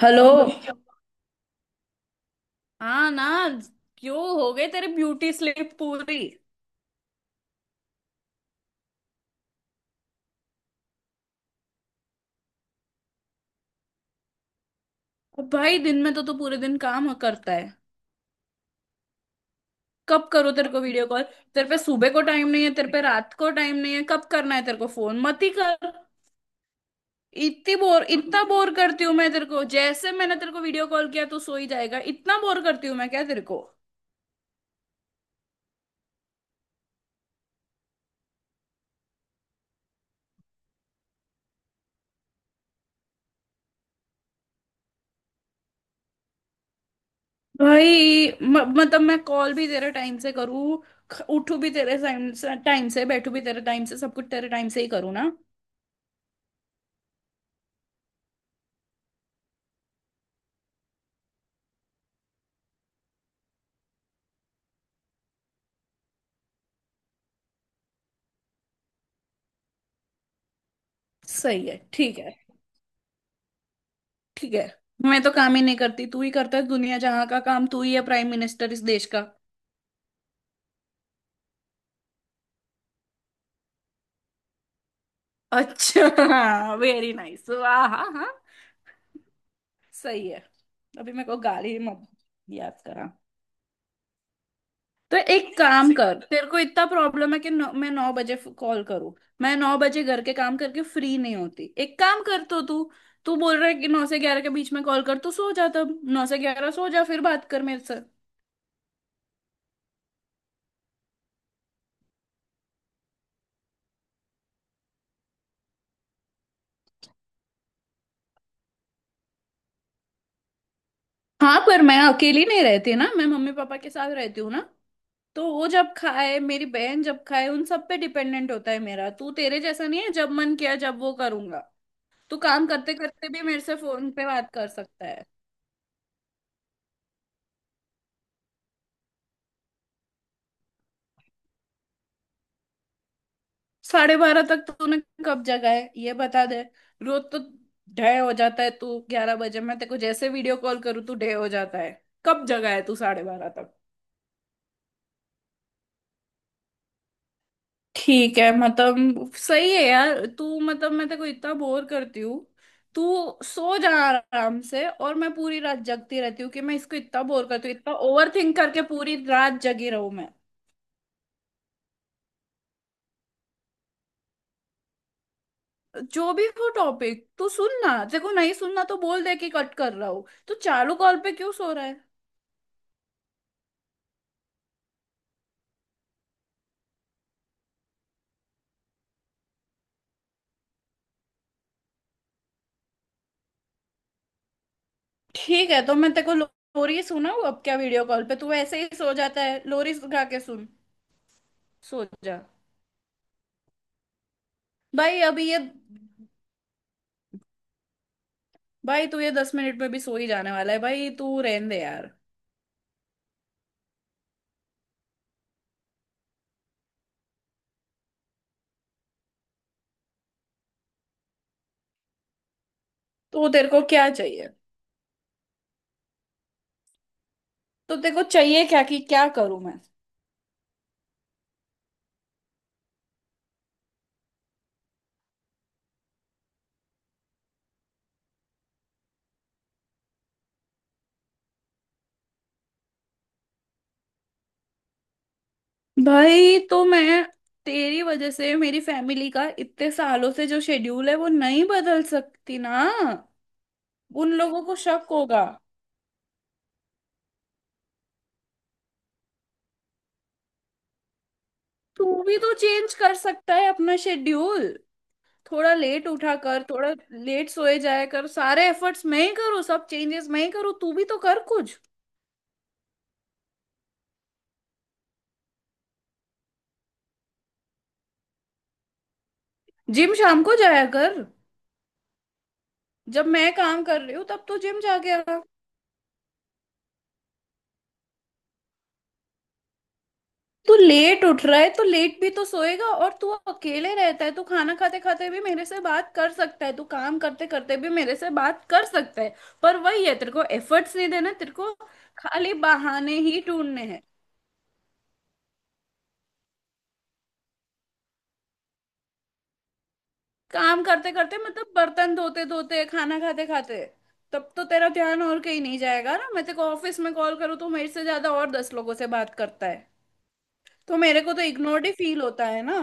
Hello. हाँ ना। क्यों हो गए तेरे ब्यूटी स्लीप पूरी? अब भाई दिन में तो तू पूरे दिन काम करता है। कब करो तेरे को वीडियो कॉल? तेरे पे सुबह को टाइम नहीं है, तेरे पे रात को टाइम नहीं है, कब करना है तेरे को? फोन मत ही कर। इतनी बोर, इतना बोर करती हूँ मैं तेरे को? जैसे मैंने तेरे को वीडियो कॉल किया तो सो ही जाएगा। इतना बोर करती हूँ मैं क्या तेरे को? भाई मतलब मैं कॉल भी तेरे टाइम से करूँ, उठू भी तेरे टाइम से, टाइम से बैठू भी तेरे टाइम से, सब कुछ तेरे टाइम से ही करूँ ना? सही है। ठीक है। ठीक है। मैं तो काम ही नहीं करती, तू ही करता है दुनिया जहां का काम। तू ही है प्राइम मिनिस्टर इस देश का। अच्छा, वेरी नाइस, वाह। हाँ हाँ, सही है। अभी मेरे को गाली मत याद करा। तो एक काम कर, तेरे को इतना प्रॉब्लम है कि 9, मैं 9 बजे कॉल करूँ? मैं नौ बजे घर के काम करके फ्री नहीं होती। एक काम कर तो तू, तू बोल रहा है कि 9 से 11 के बीच में कॉल कर, तो सो जा तब। 9 से 11 सो जा, फिर बात कर मेरे से। हाँ पर मैं अकेली नहीं रहती ना, मैं मम्मी पापा के साथ रहती हूँ ना। तो वो जब खाए, मेरी बहन जब खाए, उन सब पे डिपेंडेंट होता है मेरा। तू तेरे जैसा नहीं है, जब मन किया जब वो करूंगा। तू काम करते करते भी मेरे से फोन पे बात कर सकता है। साढ़े बारह तक तूने कब जगा है ये बता दे। रोज तो ढे हो जाता है तू। 11 बजे मैं तेरे को जैसे वीडियो कॉल करूँ, तू ढे हो जाता है। कब जगा है तू 12:30 तक? ठीक है मतलब सही है यार। तू मतलब मैं तेरे को इतना बोर करती हूँ? तू सो जा आराम से, और मैं पूरी रात जगती रहती हूँ कि मैं इसको इतना बोर करती हूँ। इतना ओवर थिंक करके पूरी रात जगी रहूं मैं। जो भी हो टॉपिक, तू सुन ना। तेरे को नहीं सुनना तो बोल दे कि कट कर रहा हूँ। तू चालू कॉल पे क्यों सो रहा है? ठीक है, तो मैं तेरे को लोरी सुनाऊँ अब क्या? वीडियो कॉल पे तू ऐसे ही सो जाता है, लोरी गा के सुन। सो जा। भाई अभी ये, भाई तू ये 10 मिनट में भी सो ही जाने वाला है, भाई तू रहने दे यार। तो तेरे को क्या चाहिए? तो तेरे को चाहिए क्या, कि क्या करूं मैं? भाई तो मैं तेरी वजह से मेरी फैमिली का इतने सालों से जो शेड्यूल है वो नहीं बदल सकती ना। उन लोगों को शक होगा। तू भी तो चेंज कर सकता है अपना शेड्यूल। थोड़ा लेट उठा कर, थोड़ा लेट सोए जाया कर। सारे एफर्ट्स मैं ही करूँ, सब चेंजेस मैं ही करूँ, तू भी तो कर कुछ। जिम शाम को जाया कर। जब मैं काम कर रही हूँ तब तू जिम जाके आ। तू लेट उठ रहा है तो लेट भी तो सोएगा, और तू अकेले रहता है, तू खाना खाते खाते भी मेरे से बात कर सकता है, तू काम करते करते भी मेरे से बात कर सकता है। पर वही है, तेरे को एफर्ट्स नहीं देना तेरे को। खाली बहाने ही ढूंढने हैं। काम करते करते मतलब बर्तन धोते धोते, खाना खाते खाते, तब तो तेरा ध्यान और कहीं नहीं जाएगा ना। मैं तेरे को ऑफिस में कॉल करूँ तो मेरे से ज्यादा और 10 लोगों से बात करता है। तो मेरे को तो इग्नोर्ड ही फील होता है ना।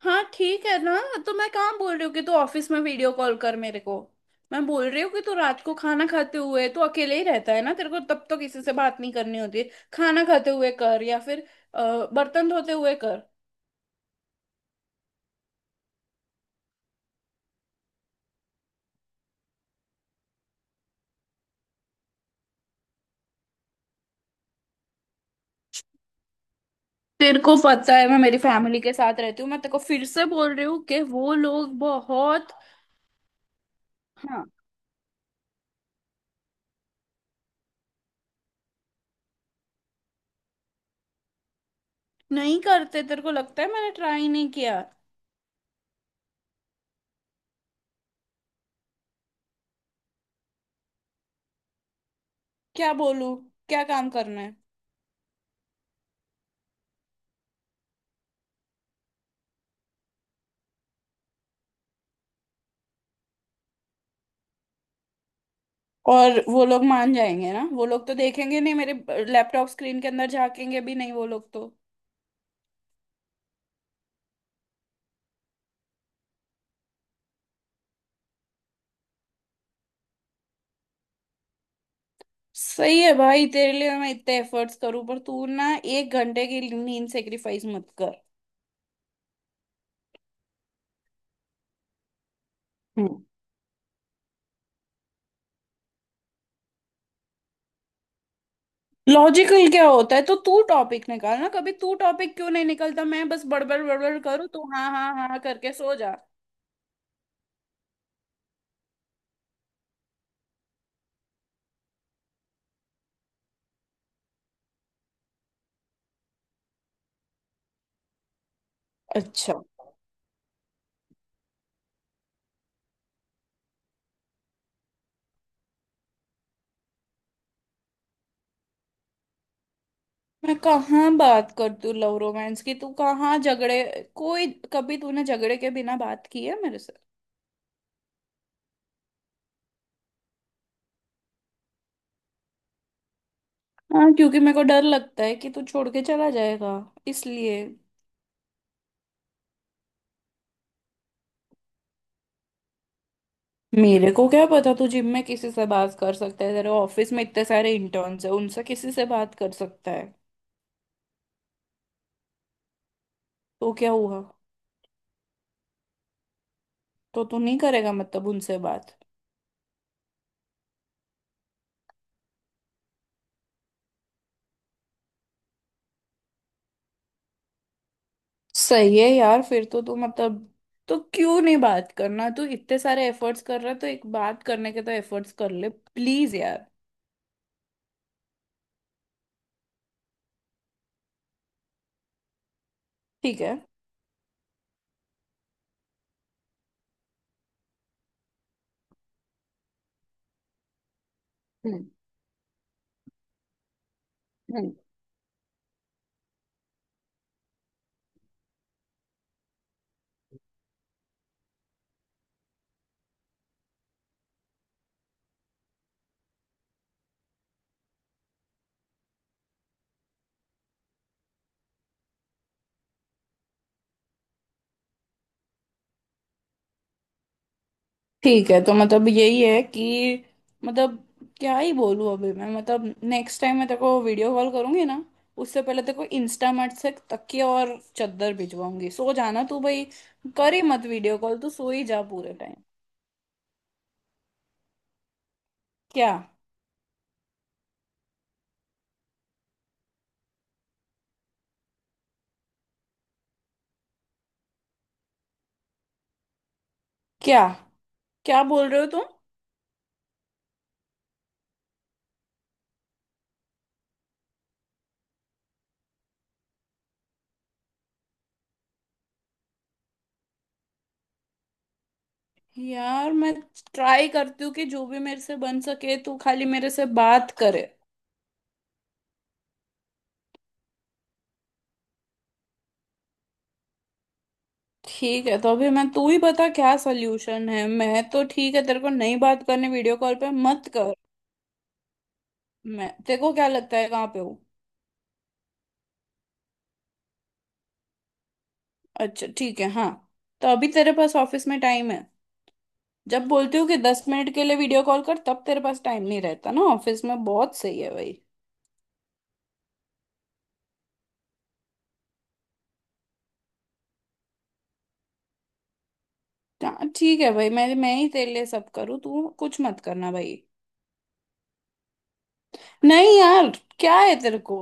हाँ, ठीक है ना। तो मैं कहाँ बोल रही हूँ कि तू ऑफिस में वीडियो कॉल कर मेरे को। मैं बोल रही हूँ कि तू रात को खाना खाते हुए, तू अकेले ही रहता है ना, तेरे को तब तो किसी से बात नहीं करनी होती। खाना खाते हुए कर, या फिर बर्तन धोते हुए कर। तेरे को पता है मैं मेरी फैमिली के साथ रहती हूँ, मैं तेरे को फिर से बोल रही हूँ कि वो लोग बहुत। हाँ। नहीं करते, तेरे को लगता है मैंने ट्राई नहीं किया? क्या बोलूँ? क्या काम करना है? और वो लोग मान जाएंगे ना, वो लोग तो देखेंगे नहीं मेरे लैपटॉप स्क्रीन के अंदर, झांकेंगे भी नहीं वो लोग तो। सही है भाई, तेरे लिए मैं इतने एफर्ट्स करूं, पर तू ना 1 घंटे की नींद सेक्रीफाइस मत कर। हम्म। लॉजिकल क्या होता है? तो तू टॉपिक निकाल ना कभी, तू टॉपिक क्यों नहीं निकलता? मैं बस बड़बड़ बड़बड़ करूँ, तू हाँ हाँ हाँ हाँ करके सो जा। अच्छा, मैं कहाँ बात कर तू लव रोमांस की? तू कहाँ झगड़े कोई, कभी तूने झगड़े के बिना बात की है मेरे से? हाँ, क्योंकि मेरे को डर लगता है कि तू छोड़ के चला जाएगा, इसलिए। मेरे को क्या पता, तू जिम में किसी से बात कर सकता है, तेरे ऑफिस में इतने सारे इंटर्न्स है उनसे किसी से बात कर सकता है। तो क्या हुआ? तो तू नहीं करेगा मतलब उनसे बात? सही है यार, फिर तो तू मतलब, तो क्यों नहीं बात करना? तू इतने सारे एफर्ट्स कर रहा है, तो एक बात करने के तो एफर्ट्स कर ले प्लीज यार। ठीक है। हम्म। हम्म। ठीक है, तो मतलब यही है कि, मतलब क्या ही बोलूँ अभी मैं। मतलब नेक्स्ट टाइम मैं तेरे को वीडियो कॉल करूंगी ना, उससे पहले तेरे को इंस्टामार्ट से तकिया और चादर भिजवाऊंगी, सो जाना तू भाई। कर ही मत वीडियो कॉल, तू सो ही जा पूरे टाइम। क्या? क्या? क्या बोल रहे हो तुम? यार मैं ट्राई करती हूँ कि जो भी मेरे से बन सके, तू खाली मेरे से बात करे। ठीक है, तो अभी मैं, तू ही बता क्या सोल्यूशन है। मैं तो ठीक है, तेरे को नहीं बात करने वीडियो कॉल पे, मत कर। मैं तेरे को क्या लगता है कहाँ पे हो? अच्छा ठीक है, हाँ। तो अभी तेरे पास ऑफिस में टाइम है? जब बोलती हूँ कि 10 मिनट के लिए वीडियो कॉल कर, तब तेरे पास टाइम नहीं रहता ना ऑफिस में, बहुत सही है भाई। हाँ ठीक है भाई, मैं ही तेरे लिए सब करूँ, तू कुछ मत करना भाई। नहीं यार, क्या है तेरे को?